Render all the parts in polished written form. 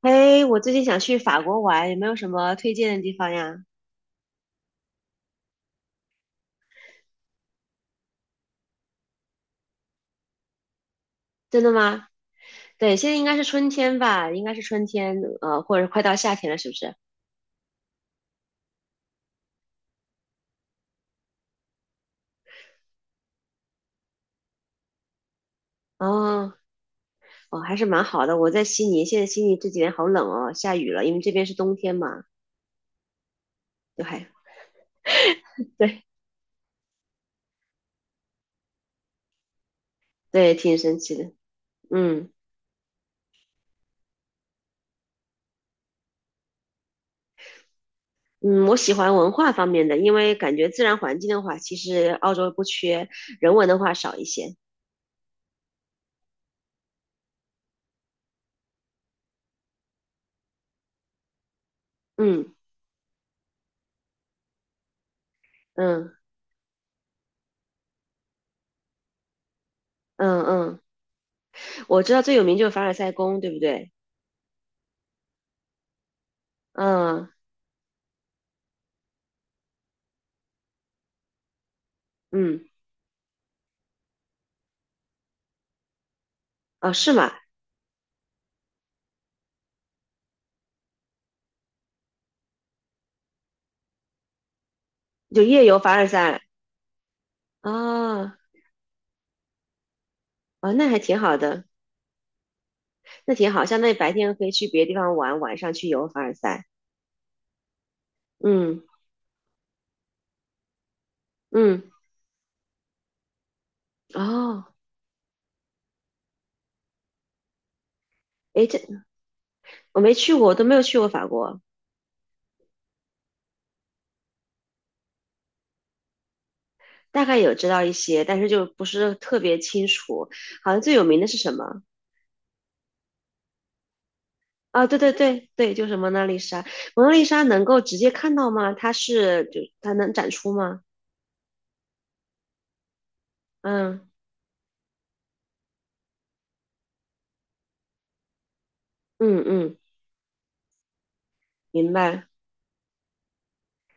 哎，我最近想去法国玩，有没有什么推荐的地方呀？真的吗？对，现在应该是春天吧，应该是春天，或者快到夏天了，是不是？哦，哦，还是蛮好的。我在悉尼，现在悉尼这几天好冷哦，下雨了，因为这边是冬天嘛，就还对对，挺神奇的。嗯嗯，我喜欢文化方面的，因为感觉自然环境的话，其实澳洲不缺，人文的话少一些。嗯嗯嗯嗯，我知道最有名就是凡尔赛宫，对不对？嗯。嗯，哦，是吗？就夜游凡尔赛啊，哦，那还挺好的，那挺好，相当于白天可以去别的地方玩，晚上去游凡尔赛。嗯嗯，哦，诶，我没去过，我都没有去过法国，大概有知道一些，但是就不是特别清楚。好像最有名的是什么？啊、对对对对，就是蒙娜丽莎。蒙娜丽莎能够直接看到吗？它是就它能展出吗？嗯嗯嗯，明白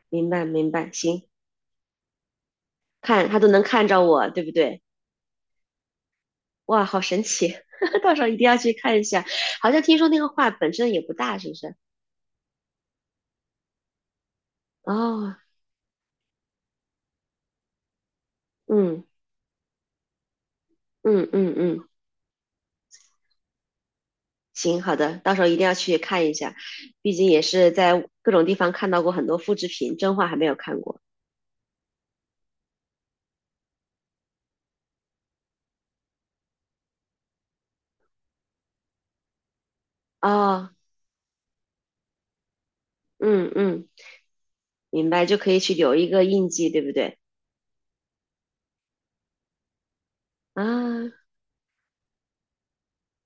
明白明白，行，看它都能看着我，对不对？哇，好神奇！到时候一定要去看一下。好像听说那个画本身也不大，是不是？哦，嗯嗯嗯嗯，行，好的，到时候一定要去看一下。毕竟也是在各种地方看到过很多复制品，真画还没有看过。哦，嗯嗯，明白，就可以去留一个印记，对不对？啊，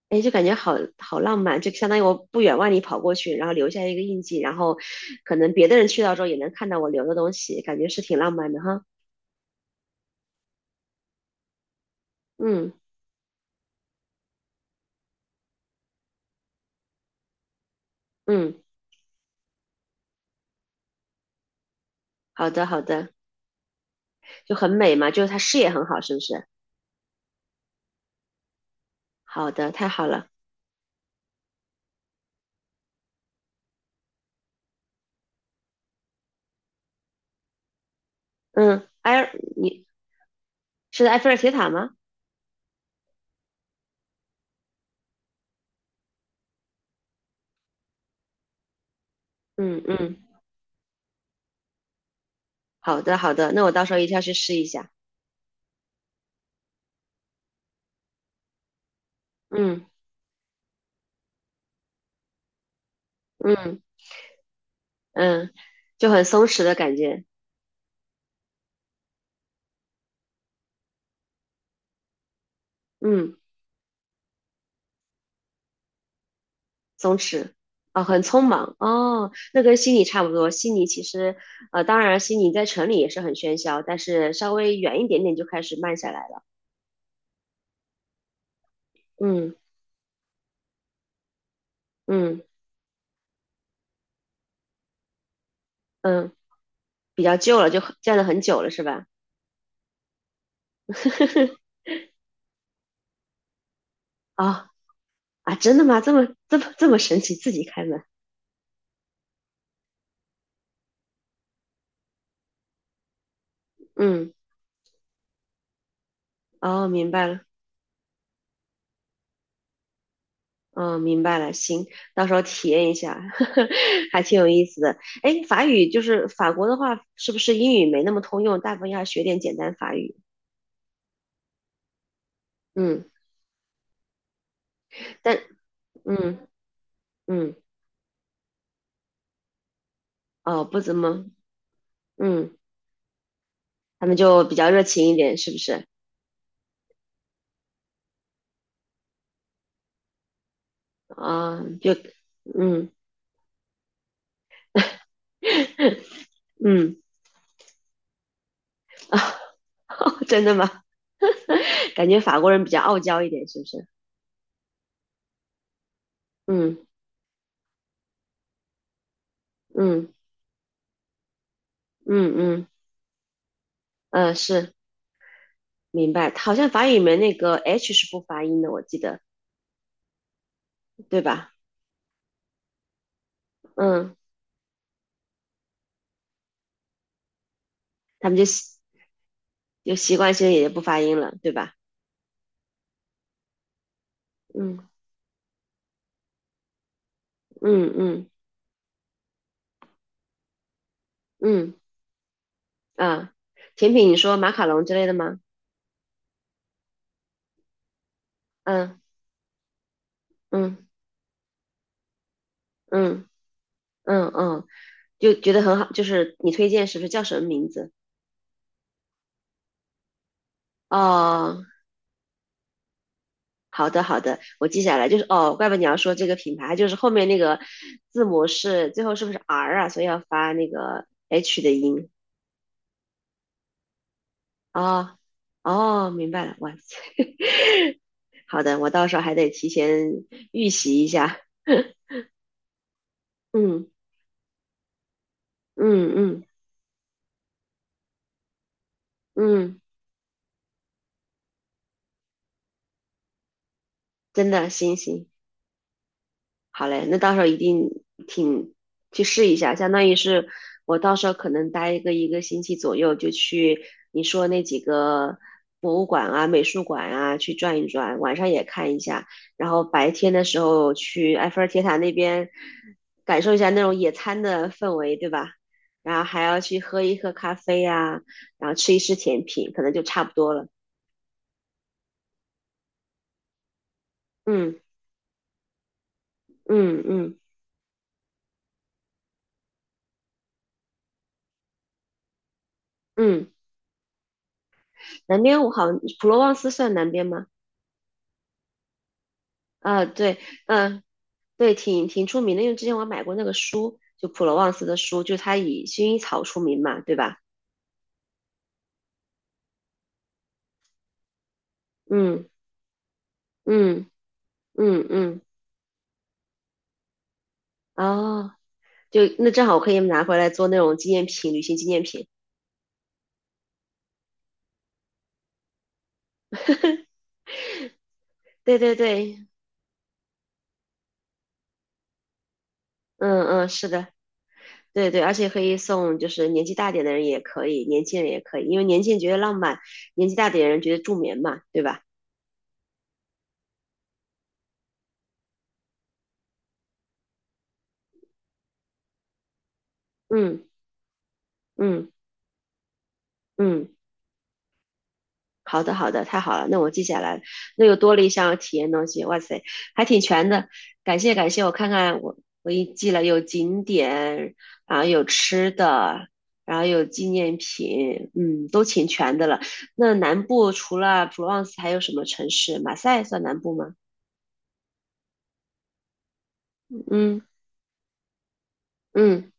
哎，就感觉好好浪漫，就相当于我不远万里跑过去，然后留下一个印记，然后可能别的人去到之后也能看到我留的东西，感觉是挺浪漫的哈。嗯嗯。好的，好的，就很美嘛，就是它视野很好，是不是？好的，太好了。嗯，埃尔，你是埃菲尔铁塔吗？嗯嗯，好的，好的，那我到时候一定要去试一下。嗯嗯嗯，就很松弛的感觉。嗯，松弛哦，很匆忙哦，那跟悉尼差不多。悉尼其实，当然悉尼在城里也是很喧嚣，但是稍微远一点点就开始慢下来了。嗯嗯嗯，比较旧了，就很站了很久了，是吧？啊、啊，真的吗？这么神奇，自己开门？嗯，哦，明白了，哦，明白了，行，到时候体验一下，还挺有意思的。哎，法语就是法国的话，是不是英语没那么通用？大部分要学点简单法语。嗯，但嗯嗯，哦，不怎么，嗯，他们就比较热情一点，是不是？啊、就嗯嗯，真的吗？感觉法国人比较傲娇一点，是不是？嗯嗯嗯嗯，嗯，是。明白，好像法语里面那个 H 是不发音的，我记得，对吧？嗯，他们就习就习惯性也就不发音了，对吧？嗯嗯嗯嗯啊，甜品你说马卡龙之类的吗？嗯嗯嗯嗯嗯，就觉得很好，就是你推荐是不是叫什么名字？哦，好的好的，我记下来，就是哦，怪不得你要说这个品牌，就是后面那个字母是最后是不是 R 啊？所以要发那个 H 的音。哦哦，明白了，哇塞！好的，我到时候还得提前预习一下。嗯嗯嗯嗯，真的，行行。好嘞，那到时候一定挺去试一下，相当于是我到时候可能待一个星期左右，就去你说那几个博物馆啊、美术馆啊去转一转，晚上也看一下，然后白天的时候去埃菲尔铁塔那边感受一下那种野餐的氛围，对吧？然后还要去喝一喝咖啡啊，然后吃一吃甜品，可能就差不多了。嗯嗯嗯嗯，南边我好像普罗旺斯算南边吗？啊，对，嗯、对，挺出名的，因为之前我买过那个书，就普罗旺斯的书，就它以薰衣草出名嘛，对吧？嗯嗯嗯嗯，哦，就那正好可以拿回来做那种纪念品，旅行纪念品。对对对，嗯嗯，是的，对对，而且可以送，就是年纪大点的人也可以，年轻人也可以，因为年轻人觉得浪漫，年纪大点的人觉得助眠嘛，对吧？嗯嗯嗯。好的，好的，太好了，那我记下来了。那又多了一项体验东西，哇塞，还挺全的。感谢感谢，我看看我一记了，有景点，然后有吃的，然后有纪念品，嗯，都挺全的了。那南部除了普罗旺斯还有什么城市？马赛算南部吗？嗯嗯，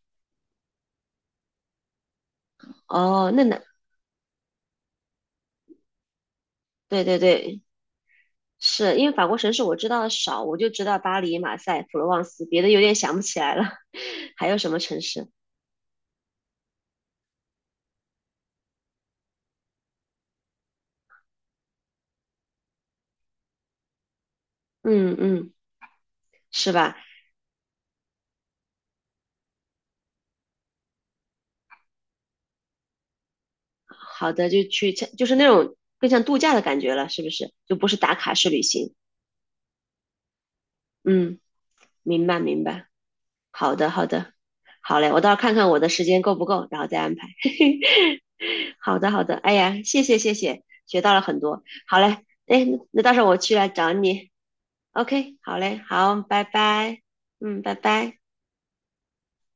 哦，那南，对对对，是因为法国城市我知道的少，我就知道巴黎、马赛、普罗旺斯，别的有点想不起来了。还有什么城市？嗯嗯。是吧？好的，就去，就是那种更像度假的感觉了，是不是？就不是打卡式旅行。嗯，明白明白。好的好的，好嘞，我到时候看看我的时间够不够，然后再安排。好的好的，哎呀，谢谢谢谢，学到了很多。好嘞，哎，那到时候我去来找你。OK，好嘞，好，拜拜。嗯，拜拜。